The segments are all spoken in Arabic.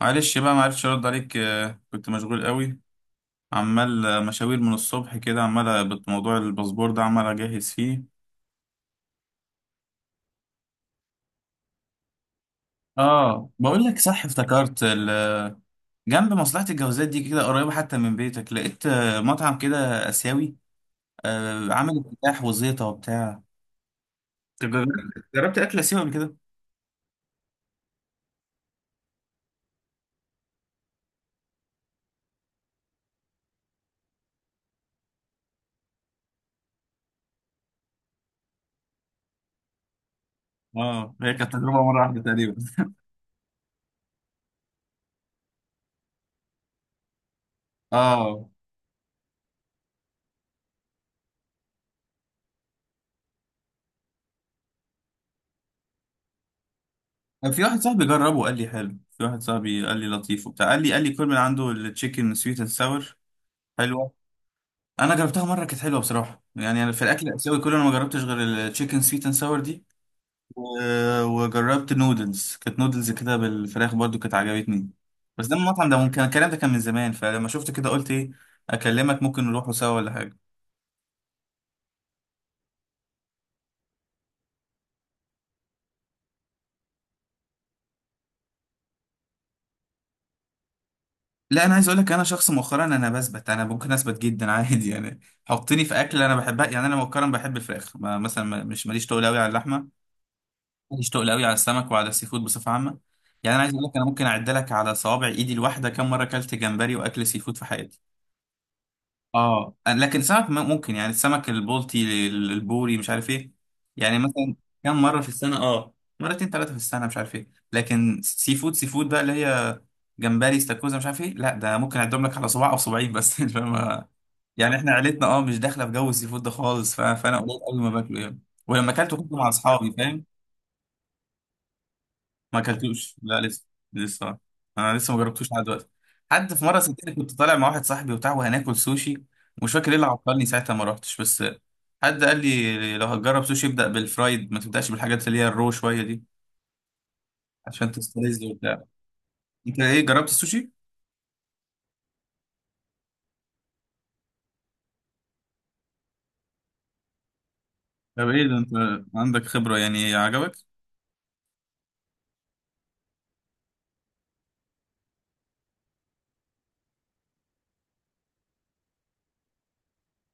معلش بقى معرفتش ارد عليك، كنت مشغول قوي. عمال، مشاوير من الصبح كده، عمال موضوع الباسبور ده، عمال اجهز فيه. اه بقول لك صح، افتكرت جنب مصلحة الجوازات دي كده قريبة حتى من بيتك، لقيت مطعم كده آسيوي، عامل افتتاح وزيطة وبتاع. طب جربت اكل آسيوي قبل كده؟ اه، هي كانت تجربة مرة واحدة تقريبا. اه، كان في واحد صاحبي جربه قال لي حلو، في واحد صاحبي قال لي لطيف وبتاع، قال لي كل من عنده التشيكن سويت اند ساور حلوة. انا جربتها مره كانت حلوه بصراحه، يعني أنا في الاكل الاسيوي كله انا ما جربتش غير التشيكن سويت اند ساور دي. وجربت نودلز، كانت نودلز كده بالفراخ برضو، كانت عجبتني. بس ده المطعم ده ممكن الكلام ده كان من زمان، فلما شفت كده قلت ايه اكلمك، ممكن نروحوا سوا ولا حاجه. لا، انا عايز اقول لك، انا شخص مؤخرا انا بثبت، انا ممكن اثبت جدا عادي يعني. حطني في اكل انا بحبها، يعني انا مؤخرا بحب الفراخ، مثلا، مش ماليش تقول قوي على اللحمه. مشتاق قوي على السمك وعلى السي فود بصفه عامه. يعني انا عايز اقول لك انا ممكن اعد لك على صوابع ايدي الواحده كم مره اكلت جمبري واكل سي فود في حياتي. اه، لكن سمك ممكن، يعني السمك البلطي، البوري، مش عارف ايه، يعني مثلا كم مره في السنه، اه، مرتين ثلاثه في السنه مش عارف ايه. لكن سي فود، سي فود بقى اللي هي جمبري استاكوزا مش عارف ايه، لا ده ممكن اعدهم لك على صباع او صباعين بس مش فاهم. يعني احنا عيلتنا، اه، مش داخله في جو السي فود ده خالص، فانا قليل قوي ما باكله يعني. ولما اكلته كنت مع اصحابي، فاهم. ما اكلتوش، لا لسه، لسه، انا لسه ما جربتوش لحد دلوقتي. حد في مره، صدقني كنت طالع مع واحد صاحبي وبتاع وهناكل سوشي، ومش فاكر ايه اللي عطلني ساعتها ما رحتش بس. حد قال لي لو هتجرب سوشي ابدا بالفرايد، ما تبداش بالحاجات اللي هي الرو شويه دي، عشان تستلذ وبتاع. انت ايه، جربت السوشي؟ طب ايه ده، انت عندك خبره يعني، عجبك؟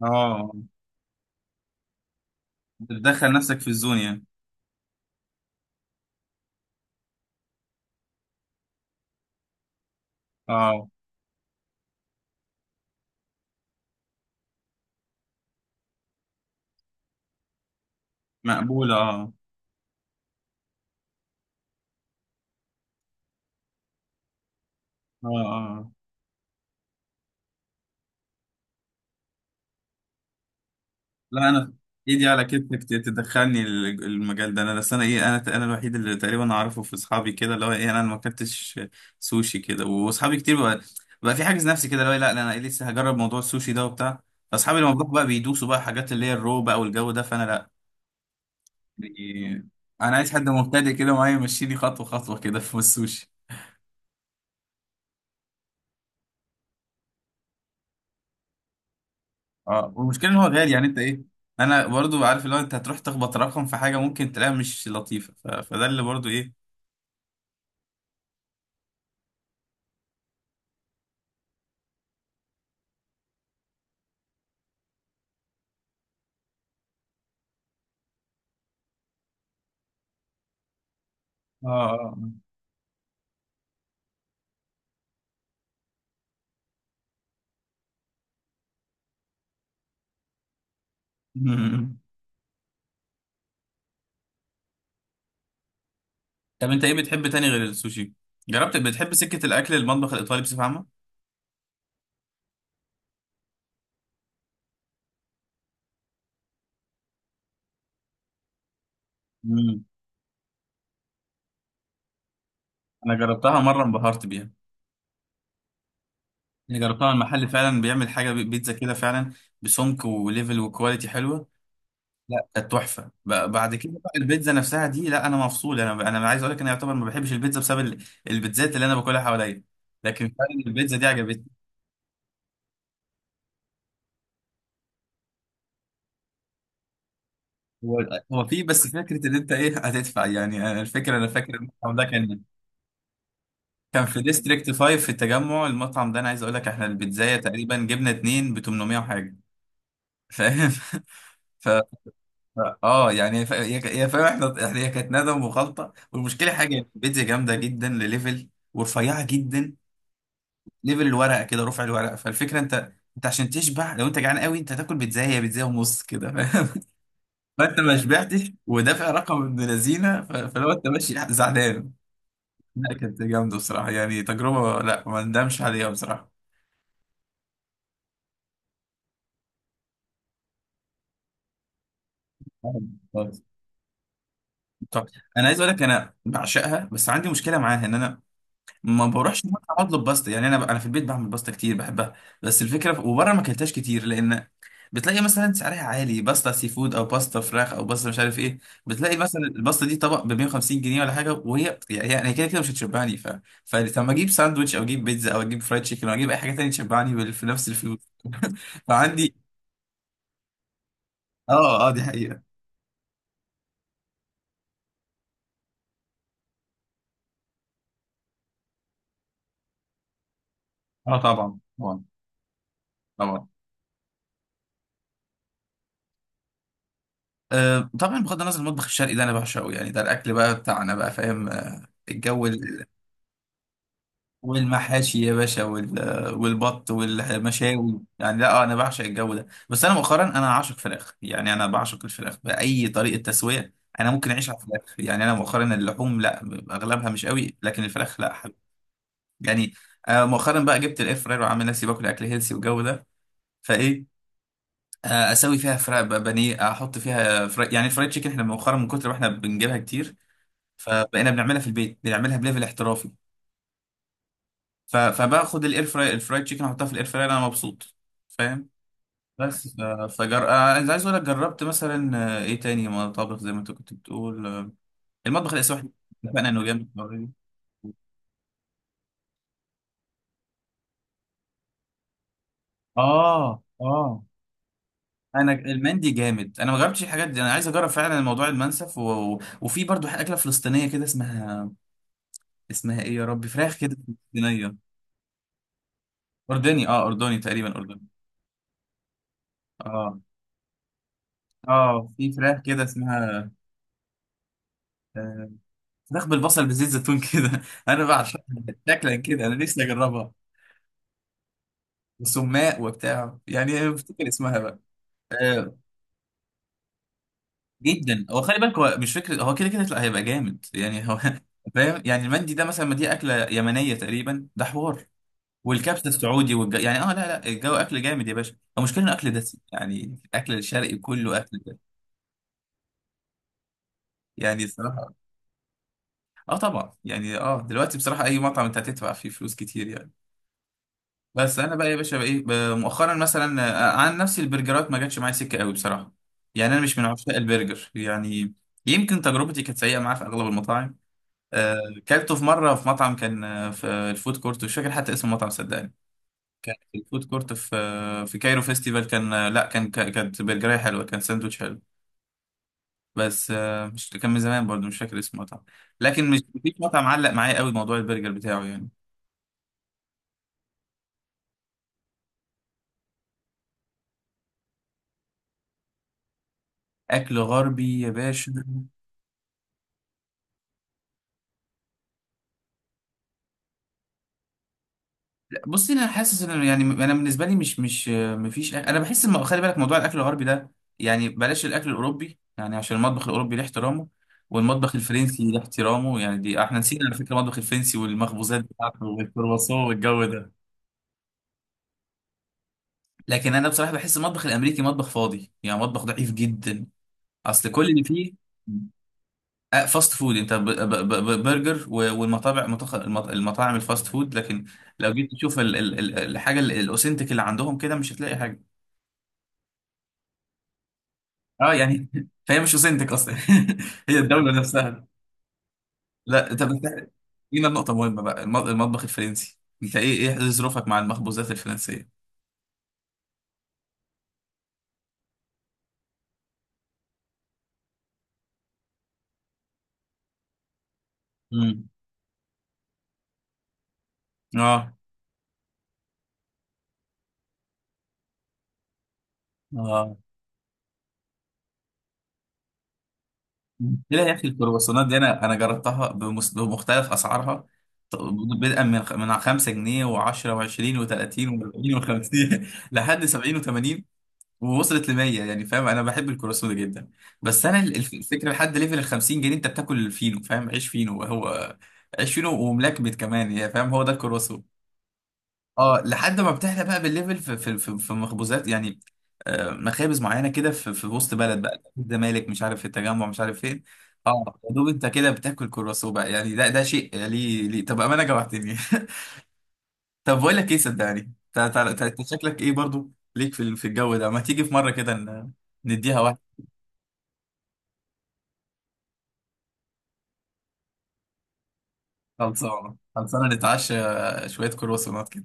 اه، بتدخل نفسك في الزون يعني. اه مقبوله، اه، اه، اه آه." لا انا، ايدي على كتفك تدخلني المجال ده، انا بس، انا ايه، انا الوحيد اللي تقريبا اعرفه في اصحابي كده اللي هو ايه، انا ما اكلتش سوشي كده، واصحابي كتير بقى، بقى في حاجز نفسي كده اللي هو إيه، لا لا، انا إيه لسه هجرب موضوع السوشي ده وبتاع. فاصحابي لما بروح بقى بيدوسوا بقى حاجات اللي هي الرو بقى والجو ده، فانا لا. يعني انا عايز حد مبتدئ كده معايا يمشيني خطوه خطوه كده في السوشي. اه، والمشكله ان هو غالي، يعني انت ايه، انا برضو عارف اللي هو انت هتروح تخبط رقم في حاجه ممكن تلاقيها مش لطيفه، فده اللي برضو ايه. اه آه. طب انت ايه بتحب تاني غير السوشي، جربت؟ بتحب سكة الاكل، المطبخ الايطالي بصفة عامة؟ امم، انا جربتها مرة، انبهرت بيها. انا جربتها، المحل فعلا بيعمل حاجة بيتزا كده فعلا، بسمك وليفل وكواليتي حلوة. لا كانت تحفة، بعد كده بقى البيتزا نفسها دي، لا انا مفصول، انا عايز اقول لك انا يعتبر ما بحبش البيتزا بسبب البيتزات اللي انا باكلها حواليا، لكن فعلا البيتزا دي عجبتني. هو هو في بس فكرة ان انت ايه هتدفع يعني، انا الفكرة، انا فاكر المطعم ده كان، كان في ديستريكت 5 في التجمع، المطعم ده انا عايز اقول لك احنا البيتزايه تقريبا جبنا اتنين ب 800 وحاجه فاهم ف يعني، هي هي فاهم، احنا هي كانت ندم وخلطه، والمشكله حاجه إن البيتزا جامده جدا لليفل، ورفيعه جدا. ليفل الورقه كده، رفع الورقه، فالفكره انت، انت عشان تشبع لو انت جعان قوي، انت هتاكل بيتزايه، هي بيتزايه ونص كده فاهم فانت ما شبعتش ودافع رقم ابن لذينه، فلو انت ماشي زعلان. لا كانت جامده بصراحه يعني، تجربه، لا ما ندمش عليها، بصراحه. طب انا عايز اقول لك انا بعشقها، بس عندي مشكله معاها ان انا ما بروحش المطعم اطلب باستا، يعني انا، انا في البيت بعمل باستا كتير بحبها. بس الفكره وبره ما اكلتهاش كتير، لان بتلاقي مثلا سعرها عالي، باستا سي فود او باستا فراخ او باستا مش عارف ايه، بتلاقي مثلا الباستا دي طبق ب 150 جنيه ولا حاجه، وهي يعني، يعني هي كده كده مش هتشبعني، ف فلما اجيب ساندوتش او اجيب بيتزا او اجيب فرايد تشيكن او اجيب اي حاجه تانية تشبعني في نفس الفلوس فعندي. اه اه دي حقيقه. اه طبعا، طبعا، طبعا. طبعا بغض النظر المطبخ الشرقي ده انا بعشقه، يعني ده الاكل بقى بتاعنا بقى، فاهم، الجو والمحاشي يا باشا، والبط والمشاوي يعني، لا انا بعشق الجو ده. بس انا مؤخرا انا عاشق فراخ، يعني انا بعشق الفراخ باي طريقه تسويه. انا ممكن اعيش على الفراخ، يعني انا مؤخرا اللحوم لا، اغلبها مش قوي، لكن الفراخ لا حلو يعني. مؤخرا بقى جبت الاير فراير، وعامل نفسي باكل اكل هيلسي والجو ده، فايه اسوي فيها فراخ بانيه، احط فيها فراخ، يعني الفرايد تشيكن احنا مؤخرا من كتر ما احنا بنجيبها كتير، فبقينا بنعملها في البيت، بنعملها بليفل احترافي، فباخد الاير فراي الفرايد تشيكن احطها في الاير فراي، انا مبسوط فاهم. بس فجر عايز، عايز اقول لك جربت مثلا، ايه تاني مطابخ زي ما انت كنت بتقول، المطبخ الاسيوي احنا اتفقنا انه جامد. اه اه، انا المندي جامد، انا ما جربتش الحاجات دي، انا عايز اجرب فعلا الموضوع المنسف، وفي برضو اكله فلسطينيه كده اسمها، اسمها ايه يا ربي، فراخ كده فلسطينيه، اردني اه، اردني تقريبا اردني. اه اه في فراخ كده اسمها، آه، فراخ بالبصل بزيت زيتون كده انا بعشقها، شكلا كده انا نفسي اجربها، وسماق وبتاع يعني افتكر اسمها بقى. آه جدا، هو خلي بالك هو مش فكره، هو كده كده لا هيبقى جامد يعني هو فاهم، يعني المندي ده مثلا، ما دي اكله يمنيه تقريبا، ده حوار، والكبسه السعودي، يعني اه، لا لا، الجو اكل جامد يا باشا، المشكله انه اكل دسم، يعني الاكل الشرقي كله اكل دسم يعني الصراحه. اه طبعا يعني، اه دلوقتي بصراحه اي مطعم انت هتدفع فيه فلوس كتير يعني. بس انا بقى يا باشا بقى ايه، مؤخرا مثلا عن نفسي البرجرات ما جاتش معايا سكه قوي بصراحه، يعني انا مش من عشاق البرجر يعني، يمكن تجربتي كانت سيئه معاه في اغلب المطاعم. آه، كلته في مره في مطعم كان في الفود كورت، مش فاكر حتى اسم المطعم صدقني، كان في الفود كورت في في كايرو فيستيفال، كان لا كان كانت برجرية حلوه، كان ساندوتش حلو. بس مش كان من زمان برضه مش فاكر اسم المطعم، لكن مش مفيش مطعم علق معايا قوي موضوع البرجر بتاعه يعني. اكل غربي يا باشا، بصي انا حاسس ان يعني، انا بالنسبه لي مش، مش مفيش، انا بحس ان خلي بالك موضوع الاكل الغربي ده، يعني بلاش الاكل الاوروبي يعني عشان المطبخ الاوروبي له احترامه، والمطبخ الفرنسي له احترامه، يعني دي احنا نسينا على فكره المطبخ الفرنسي والمخبوزات بتاعته والكرواسون والجو ده. لكن انا بصراحه بحس المطبخ الامريكي مطبخ فاضي، يعني مطبخ ضعيف جدا، اصل كل اللي فيه فاست فود، انت برجر، والمطابع، المطاعم الفاست فود، لكن لو جيت تشوف الحاجه الاوثنتيك اللي عندهم كده مش هتلاقي حاجه. اه يعني فهي مش وسنتك اصلا هي الدوله نفسها. لا طب انت، جينا النقطه مهمه بقى، المطبخ الفرنسي انت ايه، ايه ظروفك مع المخبوزات الفرنسيه؟ امم اه اه، لا يا اخي الكرواسونات دي انا جربتها بمختلف اسعارها، ط- بدءا من 5 جنيه و10 و20 و30 و40 و50 لحد 70 و80، ووصلت ل 100 يعني فاهم، انا بحب الكرواسون جدا. بس انا الفكره لحد ليفل ال 50 جنيه انت بتاكل الفينو، فاهم، عيش فينو، هو عيش فينو وملكمت كمان، يعني فاهم هو ده الكرواسون. اه لحد ما بتحلى بقى بالليفل في، في مخبوزات يعني، مخابز معينه كده في، في وسط بلد بقى، الزمالك مش عارف، في التجمع مش عارف فين. اه يا دوب انت كده بتاكل كرواسون بقى، يعني ده ده شيء، ليه ليه طب امانه جوعتني طب بقول لك ايه صدقني، انت، أنت شكلك ايه برضو، ليك في في الجو ده، ما تيجي في مره كده نديها. خلصانة، خلصانة نتعشى شوية كرواسونات كده.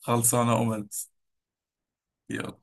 خلصانة أملت، يلا.